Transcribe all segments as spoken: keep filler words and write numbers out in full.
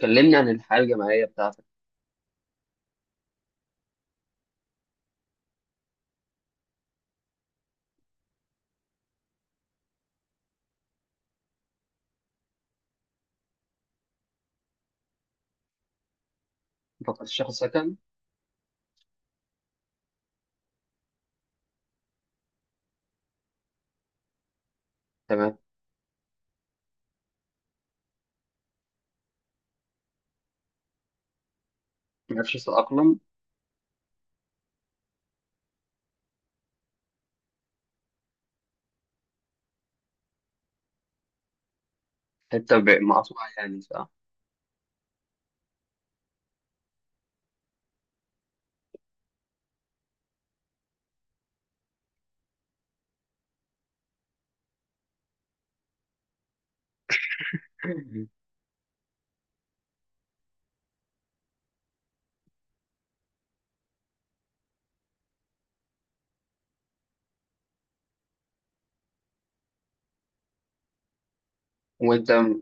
كلمني عن الحياة الجامعية بتاعتك. أنت كنت شايف سكن؟ تمام. معرفش تتأقلم. حتة ب- مقطوعة يعني، صح؟ وأنت م-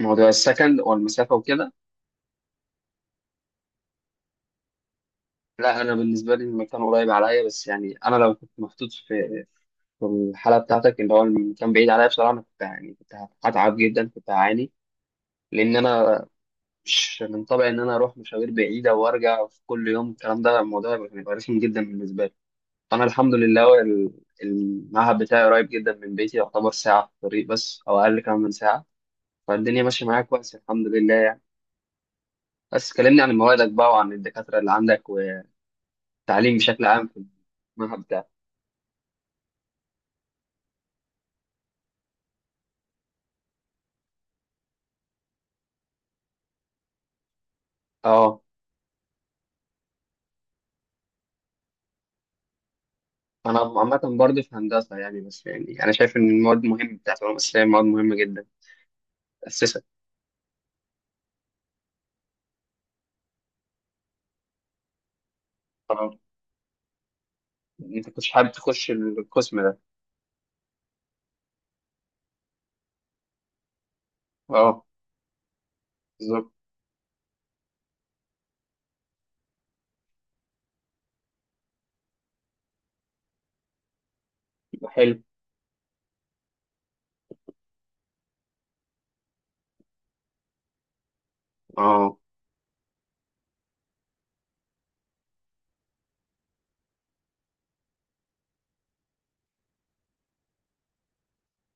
موضوع السكن والمسافة وكده. لا، أنا بالنسبة لي المكان قريب عليا، بس يعني أنا لو كنت محطوط في في الحالة بتاعتك اللي هو المكان بعيد عليا، بصراحة أنا كنت يعني كنت هتعب جدا، كنت هعاني، لأن أنا مش من طبعي إن أنا أروح مشاوير بعيدة وأرجع في كل يوم. الكلام ده الموضوع هيبقى هيبقى رخم جدا بالنسبة لي. انا الحمد لله، هو ال- المعهد بتاعي قريب جدا من بيتي، يعتبر ساعه في الطريق بس او اقل كمان من ساعه. فالدنيا ماشيه معايا كويس الحمد لله، يعني. بس كلمني عن موادك بقى، وعن الدكاتره اللي عندك، والتعليم بشكل عام في المعهد بتاعك. اه، انا عامه برضه في هندسه يعني، بس يعني انا شايف ان المواد مهمه بتاعت العلوم الاسلاميه، مواد مهمه جدا. اسسك. اه. انت كنتش حابب تخش القسم ده؟ اه. بالظبط. حلو. اه.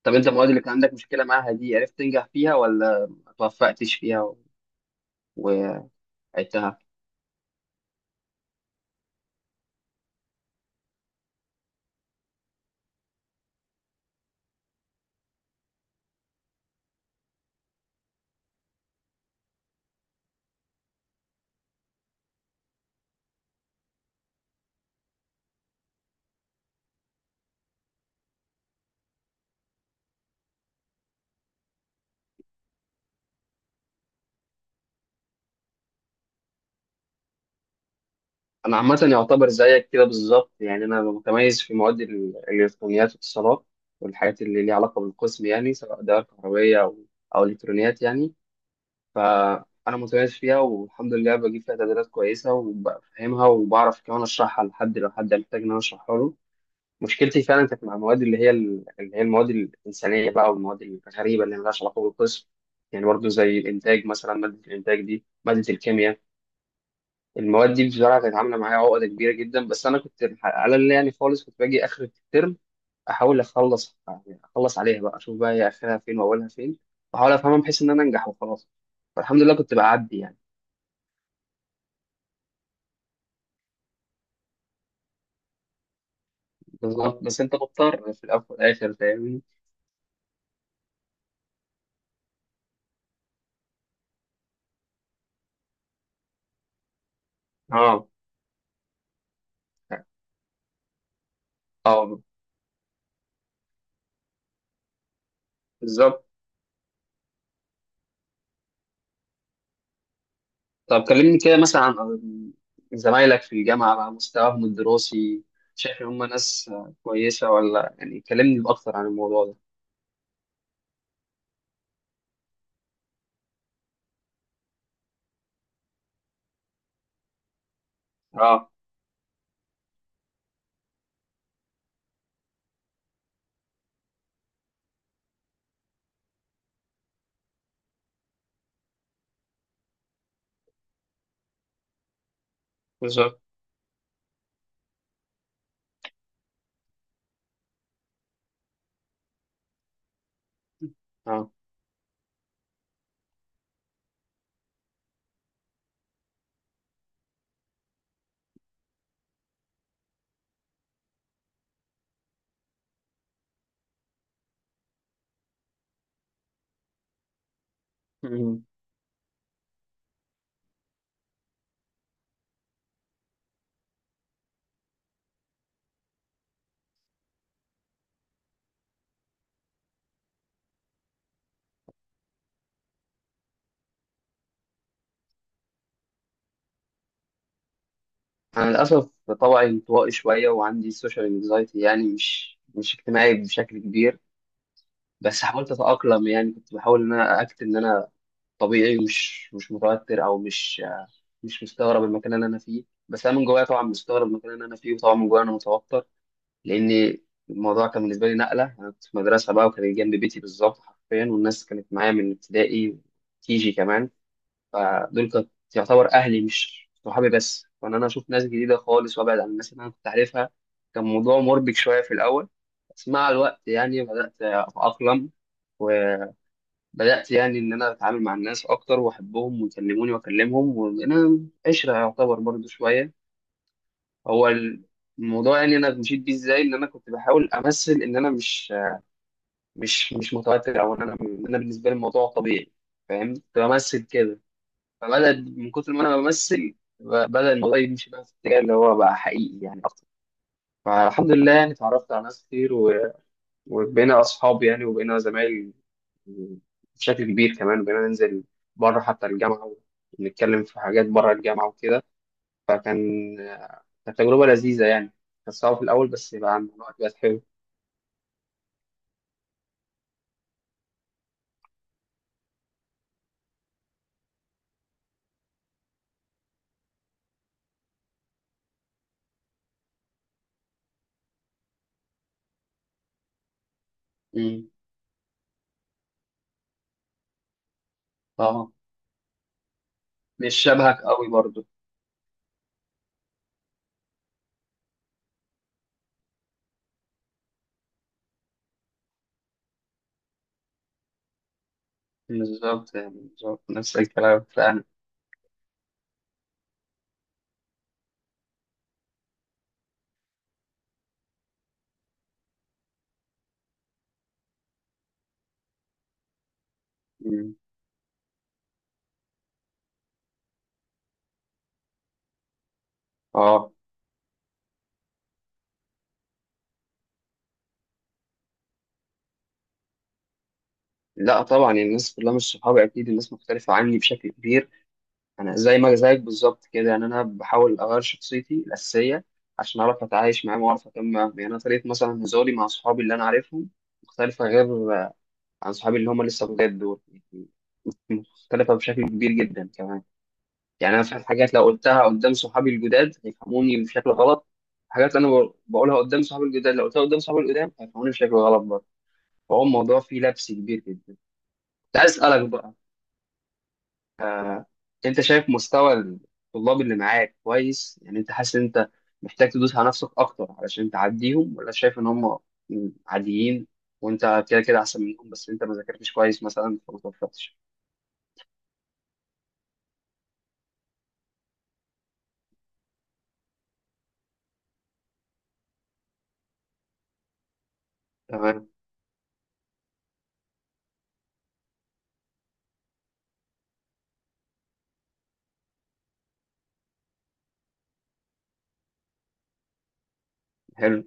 طب انت المواد اللي كان عندك مشكله معاها دي، عرفت تنجح فيها ولا ما توفقتش فيها؟ عدتها. انا عامه يعتبر زيك كده بالظبط، يعني انا متميز في مواد ال- الالكترونيات والاتصالات، والحاجات اللي ليها علاقه بالقسم، يعني سواء دوائر كهربيه او او الكترونيات يعني. فانا متميز فيها والحمد لله، بجيب فيها تقديرات كويسه وبفهمها، وبعرف كمان اشرحها لحد لو حد محتاج ان انا اشرحها له. مشكلتي فعلا كانت مع المواد اللي هي ال- اللي هي المواد الانسانيه بقى، والمواد الغريبه اللي مالهاش علاقه بالقسم، يعني برضه زي الانتاج مثلا. ماده الانتاج دي، ماده الكيمياء، المواد دي بصراحه كانت عامله معايا عقده كبيره جدا. بس انا كنت الح- على اللي يعني خالص، كنت باجي اخر الترم احاول اخلص، يعني اخلص عليها بقى، اشوف بقى هي اخرها فين واولها فين، واحاول افهمها بحيث ان انا انجح وخلاص. فالحمد لله كنت بعدي يعني. بالظبط، بس انت مضطر في الاول والاخر، فاهمني. اه. اه. بالظبط. طب كلمني كده مثلا عن زمايلك في الجامعه بقى، مستواهم الدراسي. شايف ان هم ناس آه، كويسه ولا؟ يعني كلمني اكتر عن الموضوع ده. اه. بالظبط. اه. أنا للأسف طبعي انطوائي شوية وعندي سوشيال انكزايتي، يعني مش مش اجتماعي بشكل كبير. بس حاولت أتأقلم، يعني كنت بحاول إن أنا أكت إن أنا طبيعي مش مش متوتر، أو مش مش مستغرب المكان اللي أنا فيه. بس أنا من جوايا طبعا مستغرب المكان اللي أنا فيه، وطبعا من جوايا أنا متوتر. لأن الموضوع كان بالنسبة لي نقلة، أنا كنت في مدرسة بقى، وكانت جنب بيتي بالظبط حرفيا، والناس كانت معايا من ابتدائي وكيجي كمان. فدول كانت يعتبر اهلي مش صحابي بس، وان انا اشوف ناس جديده خالص وابعد عن الناس اللي انا كنت عارفها، كان موضوع مربك شويه في الاول. بس مع الوقت يعني بدات اتاقلم، وبدات يعني ان انا اتعامل مع الناس اكتر واحبهم ويكلموني واكلمهم، وانا عشره يعتبر برضو شويه. هو الموضوع يعني انا مشيت بيه ازاي، ان انا كنت بحاول امثل ان انا مش مش مش متوتر، او ان انا إن انا بالنسبه لي الموضوع طبيعي، فاهم. كنت بمثل كده. فبدأ من كتر ما انا بمثل، ب- بدأ الموضوع يمشي بقى في الاتجاه اللي هو بقى حقيقي يعني اكتر. فالحمد لله يعني اتعرفت على ناس كتير، و- وبقينا اصحاب يعني، وبقينا زمايل بشكل كبير كمان، وبقينا ننزل بره حتى الجامعة، ونتكلم في حاجات بره الجامعة وكده. فكان كانت تجربة لذيذة يعني، كانت صعبة في الأول بس بقى الموضوع بقت حلو. أمم. اه. مش شبهك قوي برضو. بالظبط، يعني بالظبط نفس الكلام فعلا. أمم. اه. لا طبعا، يعني الناس كلها مش صحابي، اكيد الناس مختلفه عني بشكل كبير. انا زي ما زيك بالظبط كده، يعني انا بحاول اغير شخصيتي الاساسيه عشان اعرف اتعايش معاهم واعرف اكمل معاهم. يعني انا طريقه مثلا هزاري مع صحابي اللي انا عارفهم مختلفه، غير آه، عن صحابي اللي هم لسه بجد دول، يعني مختلفه بشكل كبير جدا كمان. يعني انا في حاجات لو قلتها قدام صحابي الجداد هيفهموني بشكل غلط، حاجات انا بقول- بقولها قدام صحابي الجداد، لو قلتها قدام صحابي القدام هيفهموني بشكل غلط برضه. فهو الموضوع فيه لبس كبير جدا. كنت عايز اسالك بقى، آه، انت شايف مستوى الطلاب اللي معاك كويس؟ يعني انت حاسس ان انت محتاج تدوس على نفسك اكتر علشان تعديهم، ولا شايف ان هم عاديين وانت كده كده احسن منهم، بس انت ما ذاكرتش كويس مثلا فما توفقتش؟ تمام. حلو.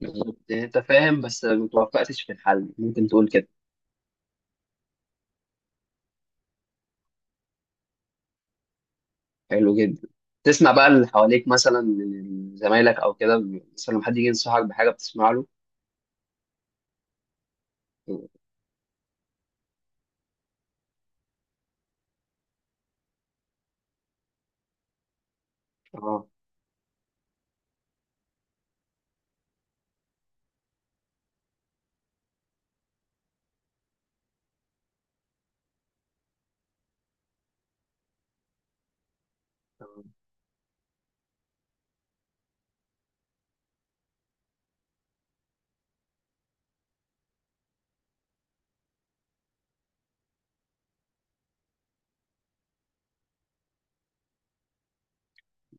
بالظبط، يعني انت فاهم بس ما توفقتش في الحل، ممكن تقول كده. حلو جدا. تسمع بقى اللي حواليك مثلا من زمايلك او كده؟ مثلا لما حد يجي ينصحك بحاجه بتسمع له؟ اه. تمام.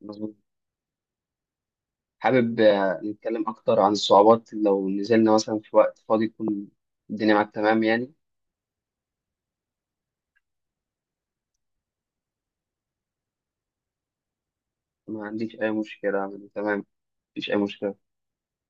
مظبوط. حابب آه، نتكلم أكتر عن الصعوبات لو نزلنا مثلا في وقت فاضي يكون الدنيا معاك تمام يعني. ما عنديش أي مشكلة يعني، تمام، مفيش أي مشكلة.